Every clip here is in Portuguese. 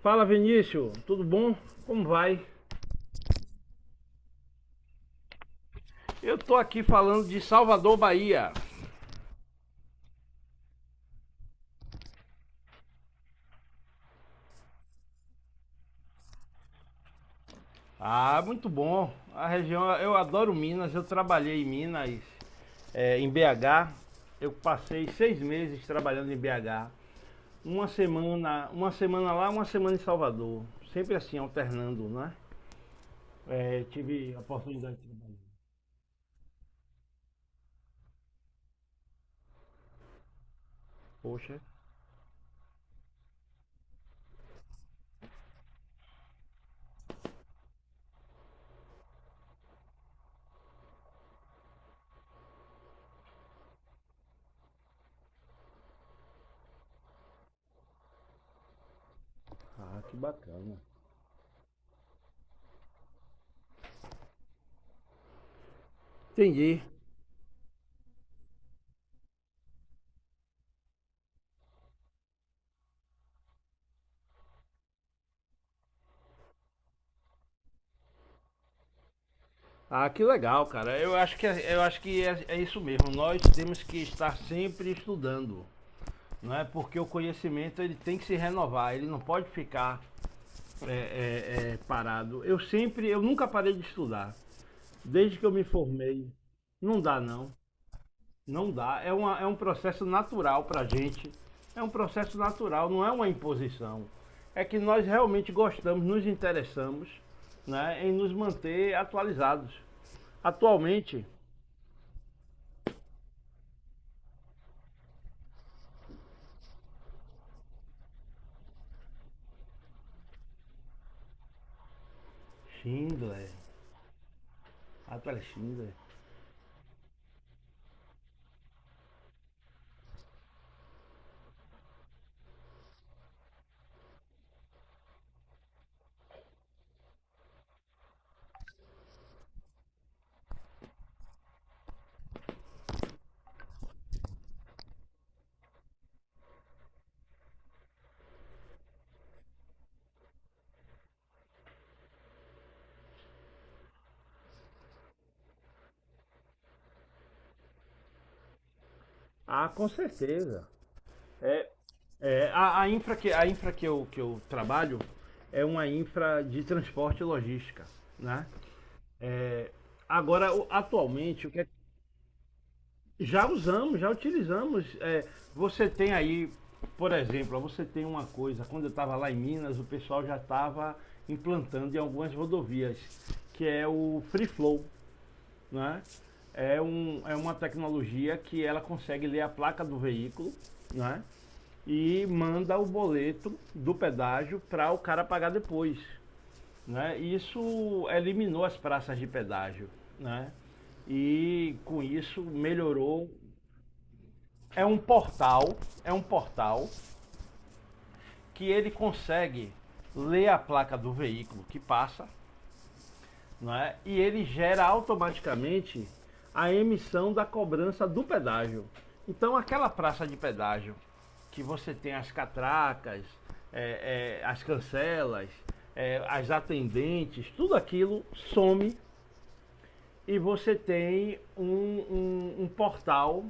Fala Vinícius, tudo bom? Como vai? Eu tô aqui falando de Salvador, Bahia. Ah, muito bom. A região, eu adoro Minas, eu trabalhei em Minas, em BH. Eu passei 6 meses trabalhando em BH. Uma semana lá, uma semana em Salvador. Sempre assim, alternando, né? Tive a oportunidade de trabalhar. Poxa. Ah, que bacana. Entendi. Ah, que legal, cara. Eu acho que, eu acho que é isso mesmo. Nós temos que estar sempre estudando, não é? Porque o conhecimento ele tem que se renovar. Ele não pode ficar parado. Eu nunca parei de estudar. Desde que eu me formei, não dá não, não dá. É um processo natural para a gente. É um processo natural, não é uma imposição. É que nós realmente gostamos, nos interessamos, né, em nos manter atualizados. Atualmente Schindler. Atlas Schindler. Ah, com certeza. É, a infra, que eu trabalho é uma infra de transporte e logística, né? É, agora, atualmente, já utilizamos. Você tem aí, por exemplo, você tem uma coisa, quando eu estava lá em Minas, o pessoal já estava implantando em algumas rodovias, que é o free flow. Né? É uma tecnologia que ela consegue ler a placa do veículo, né? E manda o boleto do pedágio para o cara pagar depois, né? Isso eliminou as praças de pedágio, né? E com isso melhorou. É um portal, é um portal que ele consegue ler a placa do veículo que passa, não é? E ele gera automaticamente a emissão da cobrança do pedágio. Então, aquela praça de pedágio que você tem as catracas, as cancelas, as atendentes, tudo aquilo some e você tem um, um portal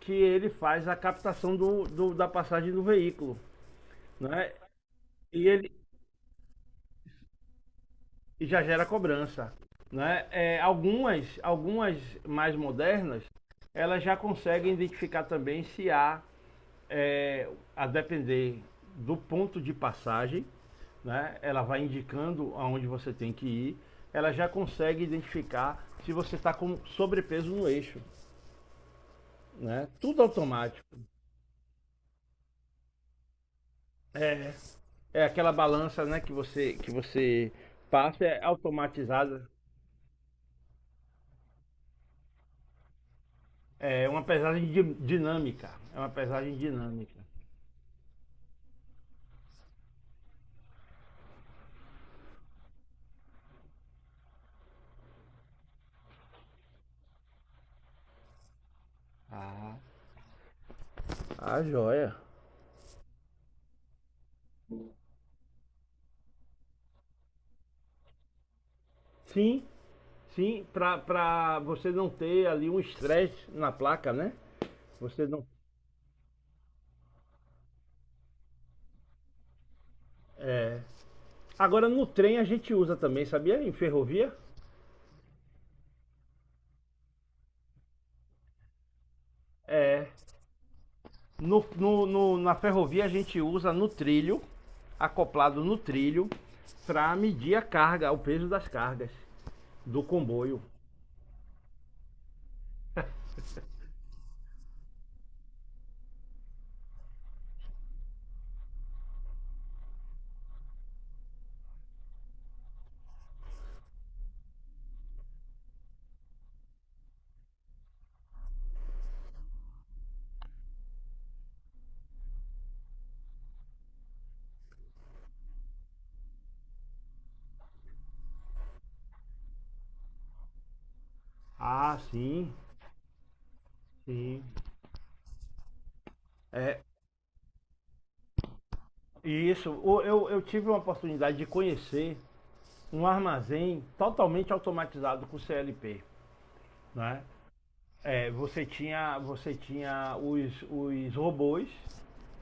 que ele faz a captação da passagem do veículo, né? E ele, e já gera cobrança. Né? Algumas mais modernas, elas já conseguem identificar também se há, a depender do ponto de passagem, né? Ela vai indicando aonde você tem que ir, ela já consegue identificar se você está com sobrepeso no eixo. Né? Tudo automático. É, é aquela balança né, que você passa, é automatizada. É uma pesagem dinâmica. É uma pesagem dinâmica. Ah, ah, joia. Sim, sim, pra você não ter ali um estresse na placa, né? Você não. É. Agora no trem a gente usa também, sabia? Em ferrovia? É. Na ferrovia a gente usa no trilho, acoplado no trilho, para medir a carga, o peso das cargas do comboio. Ah, sim, sim. É, Isso, eu tive uma oportunidade de conhecer um armazém totalmente automatizado com CLP, né? Você tinha os robôs,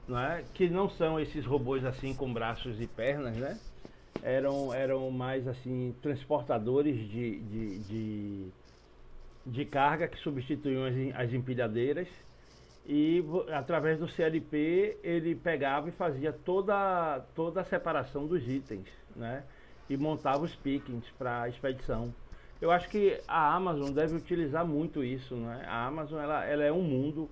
né? Que não são esses robôs assim com braços e pernas, né? Eram mais assim transportadores de carga que substituíam as empilhadeiras. E através do CLP ele pegava e fazia toda a separação dos itens, né? E montava os pickings para a expedição. Eu acho que a Amazon deve utilizar muito isso, né? A Amazon ela é um mundo.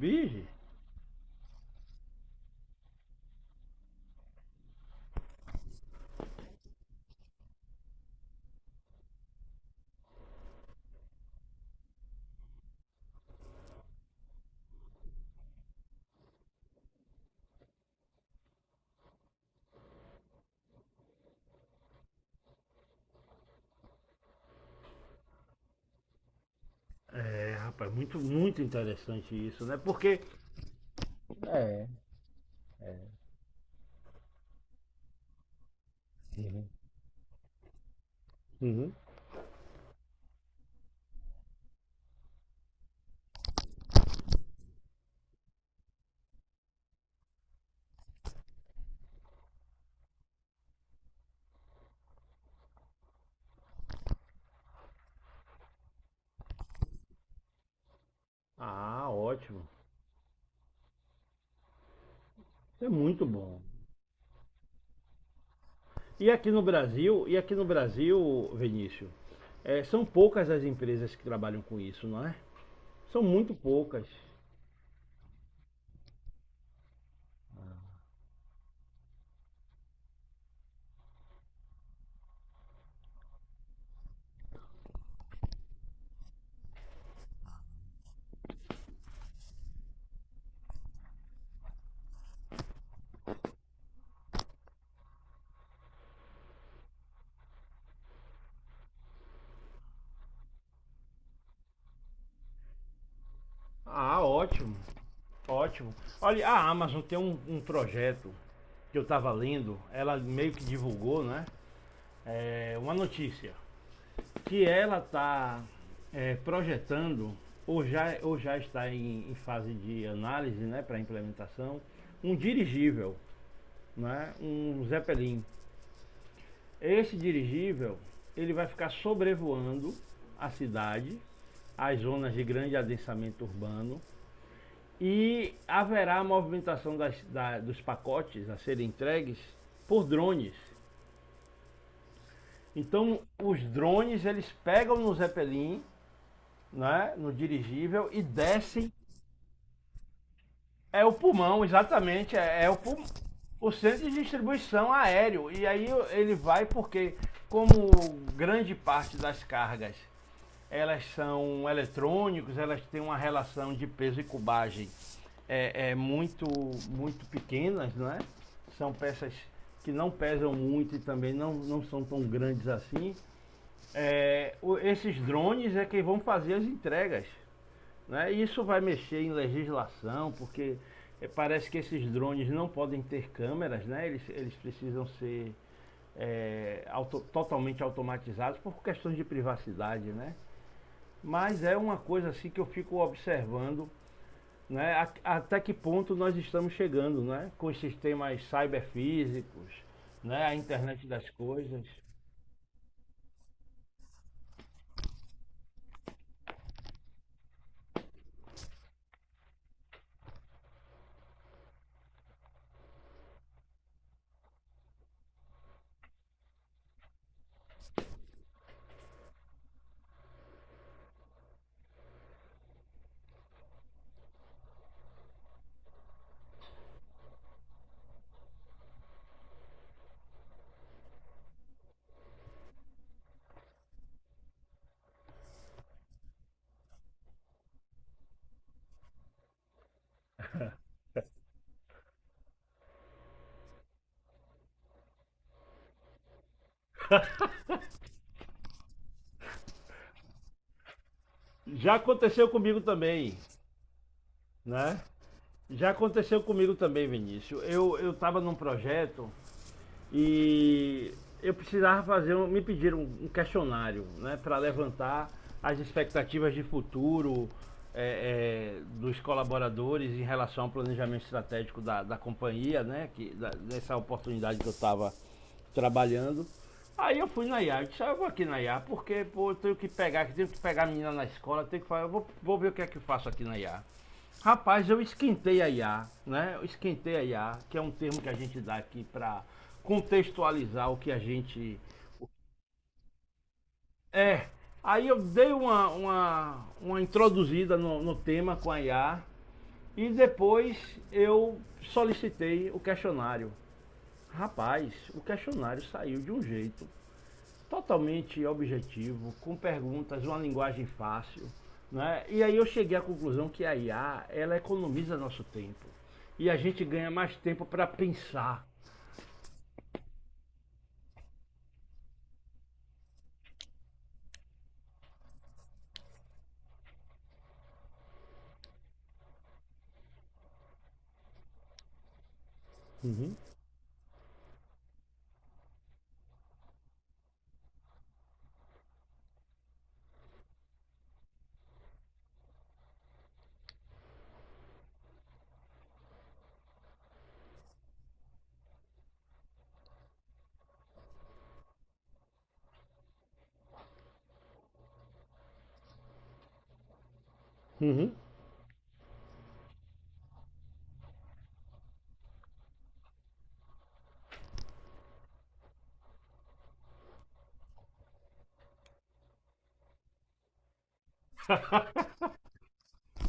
Vige? É, rapaz, muito, muito interessante isso, né? Porque... Uhum. Ah, ótimo. É muito bom. E aqui no Brasil, Vinícius, são poucas as empresas que trabalham com isso, não é? São muito poucas. Ah, ótimo, ótimo. Olha, a Amazon tem um, projeto que eu tava lendo, ela meio que divulgou, né? Uma notícia que ela tá projetando ou já, está em fase de análise, né, para implementação, um dirigível, né, um Zeppelin. Esse dirigível ele vai ficar sobrevoando a cidade, as zonas de grande adensamento urbano. E haverá a movimentação dos pacotes a serem entregues por drones. Então, os drones eles pegam no Zeppelin, né, no dirigível, e descem. É o pulmão, exatamente. O centro de distribuição aéreo. E aí ele vai porque, como grande parte das cargas elas são eletrônicos, elas têm uma relação de peso e cubagem é muito, muito pequenas, não é? São peças que não pesam muito e também não são tão grandes assim. Esses drones é quem vão fazer as entregas. Né? Isso vai mexer em legislação, porque parece que esses drones não podem ter câmeras, né? Eles precisam ser totalmente automatizados por questões de privacidade. Né? Mas é uma coisa assim que eu fico observando, né? Até que ponto nós estamos chegando, né? Com os sistemas cyberfísicos, né? A internet das coisas. Já aconteceu comigo também, né? Já aconteceu comigo também, Vinícius. Eu estava num projeto. E eu precisava fazer, me pediram um questionário, né, para levantar as expectativas de futuro dos colaboradores em relação ao planejamento estratégico da, companhia, né, dessa oportunidade que eu estava trabalhando. Aí eu fui na IA, eu disse, ah, eu vou aqui na IA, porque pô, eu tenho que pegar a menina na escola, tenho que falar, eu vou ver o que é que eu faço aqui na IA. Rapaz, eu esquentei a IA, né? Eu esquentei a IA, que é um termo que a gente dá aqui para contextualizar o que a gente é. Aí eu dei uma, introduzida no tema com a IA e depois eu solicitei o questionário. Rapaz, o questionário saiu de um jeito totalmente objetivo, com perguntas, uma linguagem fácil. Né? E aí eu cheguei à conclusão que a IA ela economiza nosso tempo. E a gente ganha mais tempo para pensar. Uhum.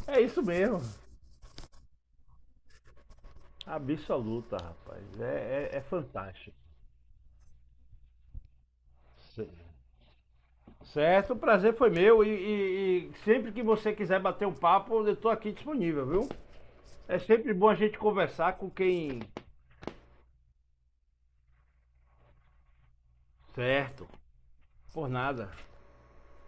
É isso mesmo. Absoluta, rapaz. É fantástico. Certo, o prazer foi meu. E sempre que você quiser bater um papo, eu estou aqui disponível, viu? É sempre bom a gente conversar com quem. Certo, por nada.